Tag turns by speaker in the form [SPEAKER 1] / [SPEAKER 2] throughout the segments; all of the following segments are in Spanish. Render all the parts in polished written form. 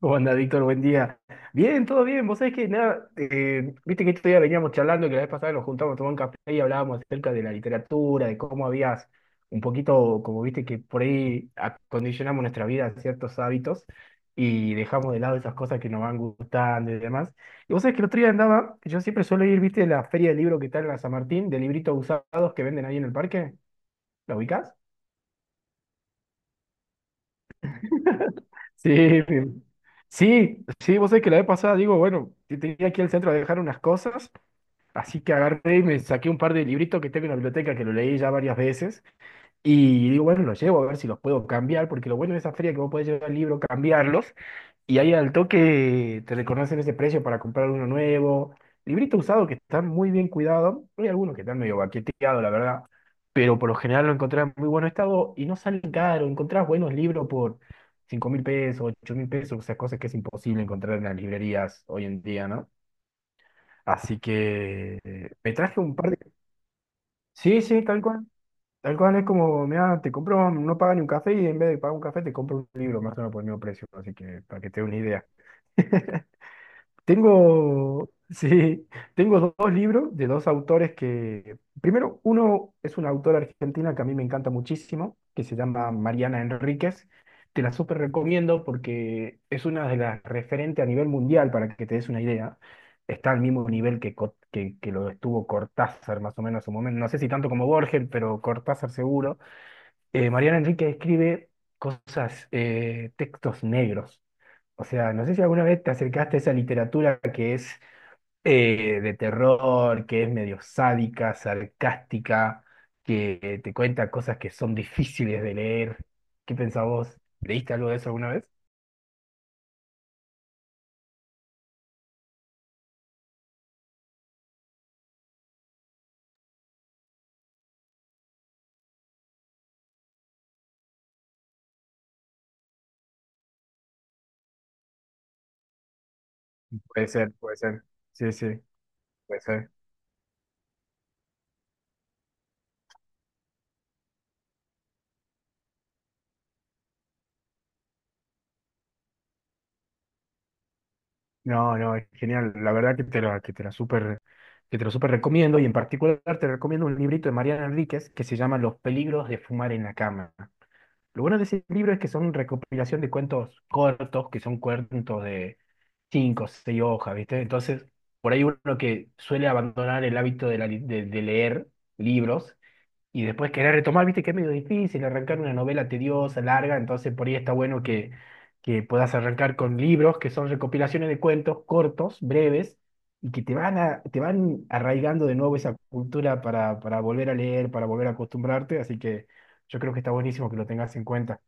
[SPEAKER 1] ¿Cómo anda, Víctor? Buen día. Bien, todo bien. Vos sabés que nada, viste que este día veníamos charlando, que la vez pasada nos juntamos a tomar un café y hablábamos acerca de la literatura, de cómo habías un poquito, como viste que por ahí acondicionamos nuestra vida a ciertos hábitos y dejamos de lado esas cosas que nos van gustando y demás. Y vos sabés que el otro día andaba, yo siempre suelo ir, viste, a la feria de libro que está en la San Martín, de libritos usados que venden ahí en el parque. ¿La ubicás? Sí, mi- sí, sí, vos sabés que la vez pasada digo, bueno, tenía aquí ir al centro a dejar unas cosas, así que agarré y me saqué un par de libritos que tengo en la biblioteca que lo leí ya varias veces, y digo, bueno, los llevo a ver si los puedo cambiar, porque lo bueno de esa feria es que vos podés llevar el libro, cambiarlos, y ahí al toque te reconocen ese precio para comprar uno nuevo. Librito usado que están muy bien cuidados. Hay algunos que están medio baqueteados, la verdad. Pero por lo general lo encontrás en muy buen estado y no salen caro. Encontrás buenos libros por 5000 pesos, 8000 pesos, o sea, cosas que es imposible encontrar en las librerías hoy en día, ¿no? Así que me traje un par de... Sí, sí, tal cual. Tal cual es como, mira, te compro, no paga ni un café y en vez de pagar un café te compro un libro más o menos por el mismo precio. Así que para que te dé una idea. Tengo, sí, tengo dos libros de dos autores que, primero, uno es una autora argentina que a mí me encanta muchísimo, que se llama Mariana Enríquez. Te la súper recomiendo porque es una de las referentes a nivel mundial, para que te des una idea. Está al mismo nivel que, que lo estuvo Cortázar, más o menos en su momento. No sé si tanto como Borges, pero Cortázar seguro. Mariana Enríquez escribe cosas, textos negros. O sea, no sé si alguna vez te acercaste a esa literatura que es de terror, que es medio sádica, sarcástica, que te cuenta cosas que son difíciles de leer. ¿Qué pensás vos? ¿Leíste algo de eso alguna vez? Puede ser, puede ser. Sí, sí, puede ser. No, no, es genial. La verdad que te la súper, que te lo súper recomiendo y en particular te recomiendo un librito de Mariana Enríquez que se llama Los peligros de fumar en la cama. Lo bueno de ese libro es que son recopilación de cuentos cortos, que son cuentos de cinco, o seis hojas, ¿viste? Entonces, por ahí uno que suele abandonar el hábito de, de leer libros, y después querer retomar, viste que es medio difícil arrancar una novela tediosa, larga, entonces por ahí está bueno que puedas arrancar con libros que son recopilaciones de cuentos cortos, breves, y que te van a, te van arraigando de nuevo esa cultura para volver a leer, para volver a acostumbrarte, así que yo creo que está buenísimo que lo tengas en cuenta.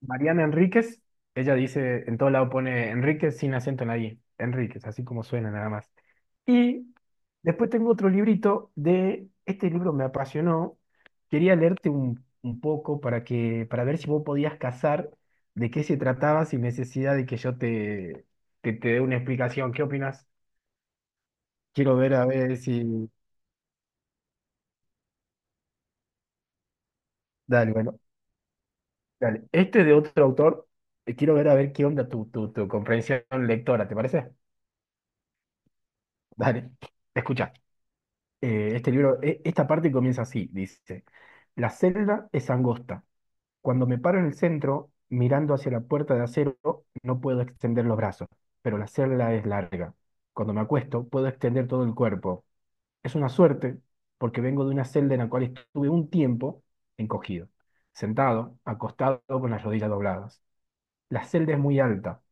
[SPEAKER 1] Mariana Enríquez, ella dice, en todo lado pone Enríquez sin acento en la I, Enríquez, así como suena nada más. Y después tengo otro librito de, este libro me apasionó, quería leerte un poco para que, para ver si vos podías cazar de qué se trataba sin necesidad de que yo te, te dé una explicación. ¿Qué opinas? Quiero ver a ver si... Dale, bueno, dale. Este es de otro autor, quiero ver a ver qué onda tu, tu comprensión lectora, ¿te parece? Dale, escucha. Este libro, esta parte comienza así, dice, la celda es angosta. Cuando me paro en el centro, mirando hacia la puerta de acero, no puedo extender los brazos, pero la celda es larga. Cuando me acuesto, puedo extender todo el cuerpo. Es una suerte, porque vengo de una celda en la cual estuve un tiempo encogido, sentado, acostado con las rodillas dobladas. La celda es muy alta.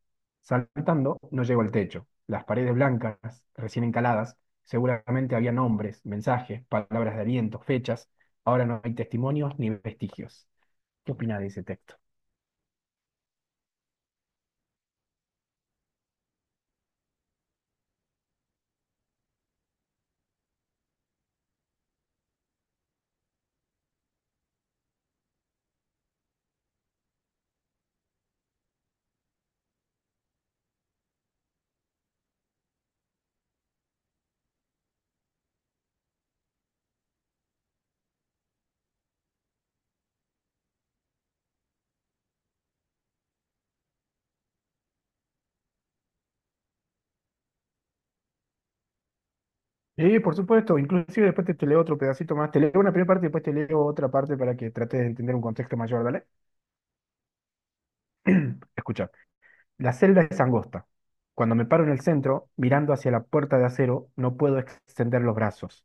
[SPEAKER 1] Saltando, no llego al techo. Las paredes blancas, recién encaladas, seguramente había nombres, mensajes, palabras de aliento, fechas. Ahora no hay testimonios ni vestigios. ¿Qué opina de ese texto? Sí, por supuesto. Inclusive después te, te leo otro pedacito más. Te leo una primera parte y después te leo otra parte para que trates de entender un contexto mayor. Dale. Escucha. La celda es angosta. Cuando me paro en el centro, mirando hacia la puerta de acero, no puedo extender los brazos.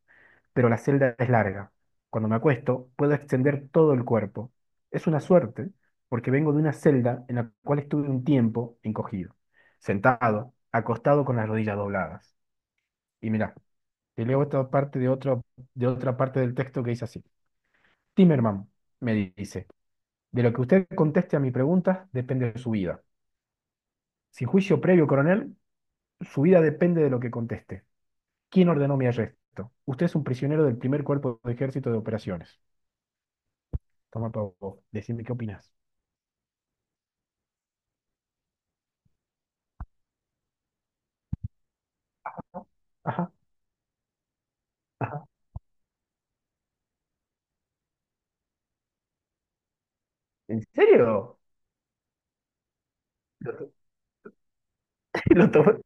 [SPEAKER 1] Pero la celda es larga. Cuando me acuesto, puedo extender todo el cuerpo. Es una suerte, porque vengo de una celda en la cual estuve un tiempo encogido, sentado, acostado con las rodillas dobladas. Y mirá, te leo esta parte de otra parte del texto que dice así. Timerman, me dice, de lo que usted conteste a mi pregunta depende de su vida. Sin juicio previo, coronel, su vida depende de lo que conteste. ¿Quién ordenó mi arresto? Usted es un prisionero del primer cuerpo de ejército de operaciones. Toma para vos, decime qué opinás. Ajá, ajá. ¿En serio? Lo tomó-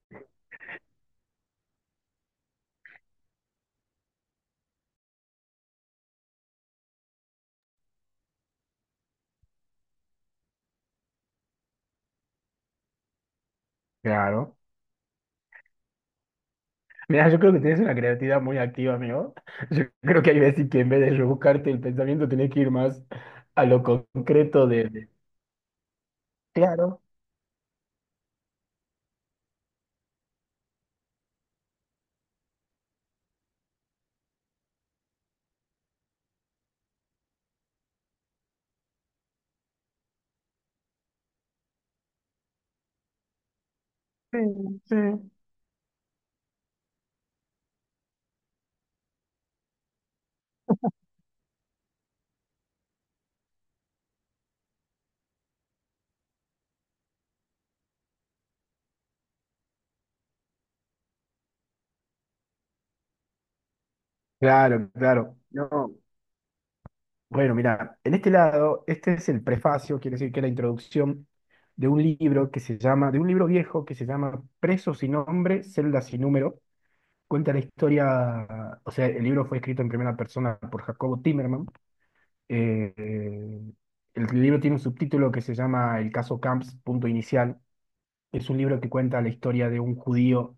[SPEAKER 1] Claro. Mira, yo creo que tienes una creatividad muy activa, amigo. Yo creo que hay veces que en vez de rebuscarte el pensamiento, tenés que ir más a lo concreto de... Claro, sí, sí. Claro, claro. No. Bueno, mira, en este lado, este es el prefacio, quiere decir que es la introducción de un libro que se llama, de un libro viejo que se llama Preso sin nombre, célula sin número. Cuenta la historia, o sea, el libro fue escrito en primera persona por Jacobo Timerman. Eh, eh, el libro tiene un subtítulo que se llama El caso Camps, punto inicial. Es un libro que cuenta la historia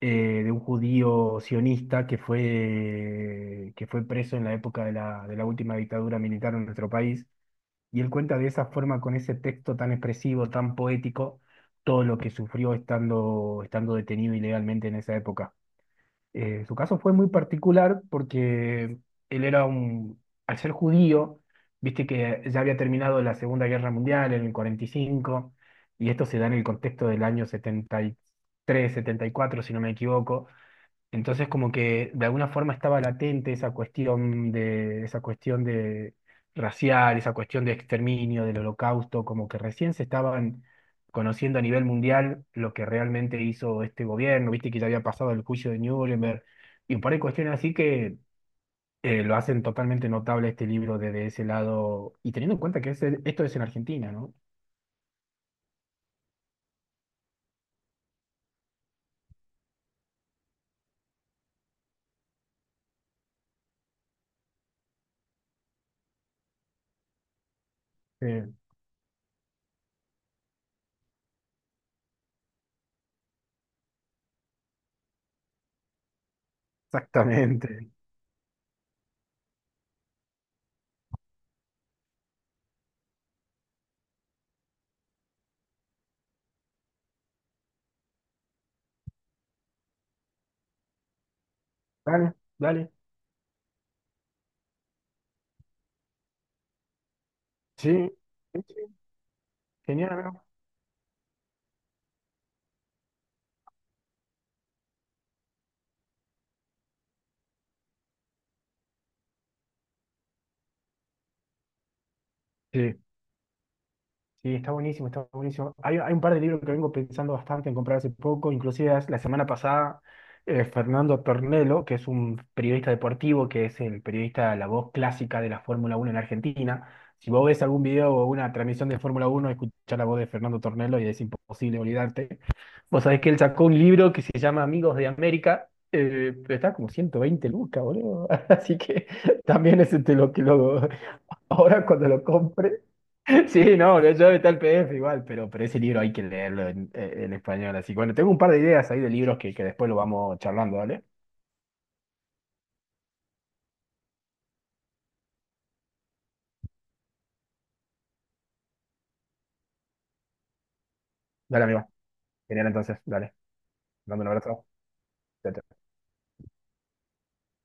[SPEAKER 1] de un judío sionista que fue preso en la época de la última dictadura militar en nuestro país. Y él cuenta de esa forma, con ese texto tan expresivo, tan poético, todo lo que sufrió estando, estando detenido ilegalmente en esa época. Su caso fue muy particular porque él era un, al ser judío, viste que ya había terminado la Segunda Guerra Mundial en el 45, y cinco, y esto se da en el contexto del año 73, 74, si no me equivoco entonces, como que de alguna forma estaba latente esa cuestión de racial, esa cuestión de exterminio, del holocausto, como que recién se estaban conociendo a nivel mundial lo que realmente hizo este gobierno, viste que ya había pasado el juicio de Nuremberg, y un par de cuestiones así que lo hacen totalmente notable este libro desde ese lado, y teniendo en cuenta que esto es en Argentina, ¿no? Eh, exactamente. Dale, dale. Sí, sí, sí. Genial, ¿no? Sí. Sí, está buenísimo, está buenísimo. Hay un par de libros que vengo pensando bastante en comprar hace poco, inclusive la semana pasada Fernando Tornello, que es un periodista deportivo, que es el periodista, la voz clásica de la Fórmula Uno en Argentina. Si vos ves algún video o una transmisión de Fórmula Uno, escuchar la voz de Fernando Tornello y es imposible olvidarte. Vos sabés que él sacó un libro que se llama Amigos de América, pero está como 120 lucas, boludo. Así que también ese te lo que lo, ahora cuando lo compre. Sí, no, yo está el PDF igual, pero ese libro hay que leerlo en español. Así que bueno, tengo un par de ideas ahí de libros que después lo vamos charlando, ¿dale? Dale, amigo. Genial, entonces, dale. Te Mando un abrazo. Chao, chao.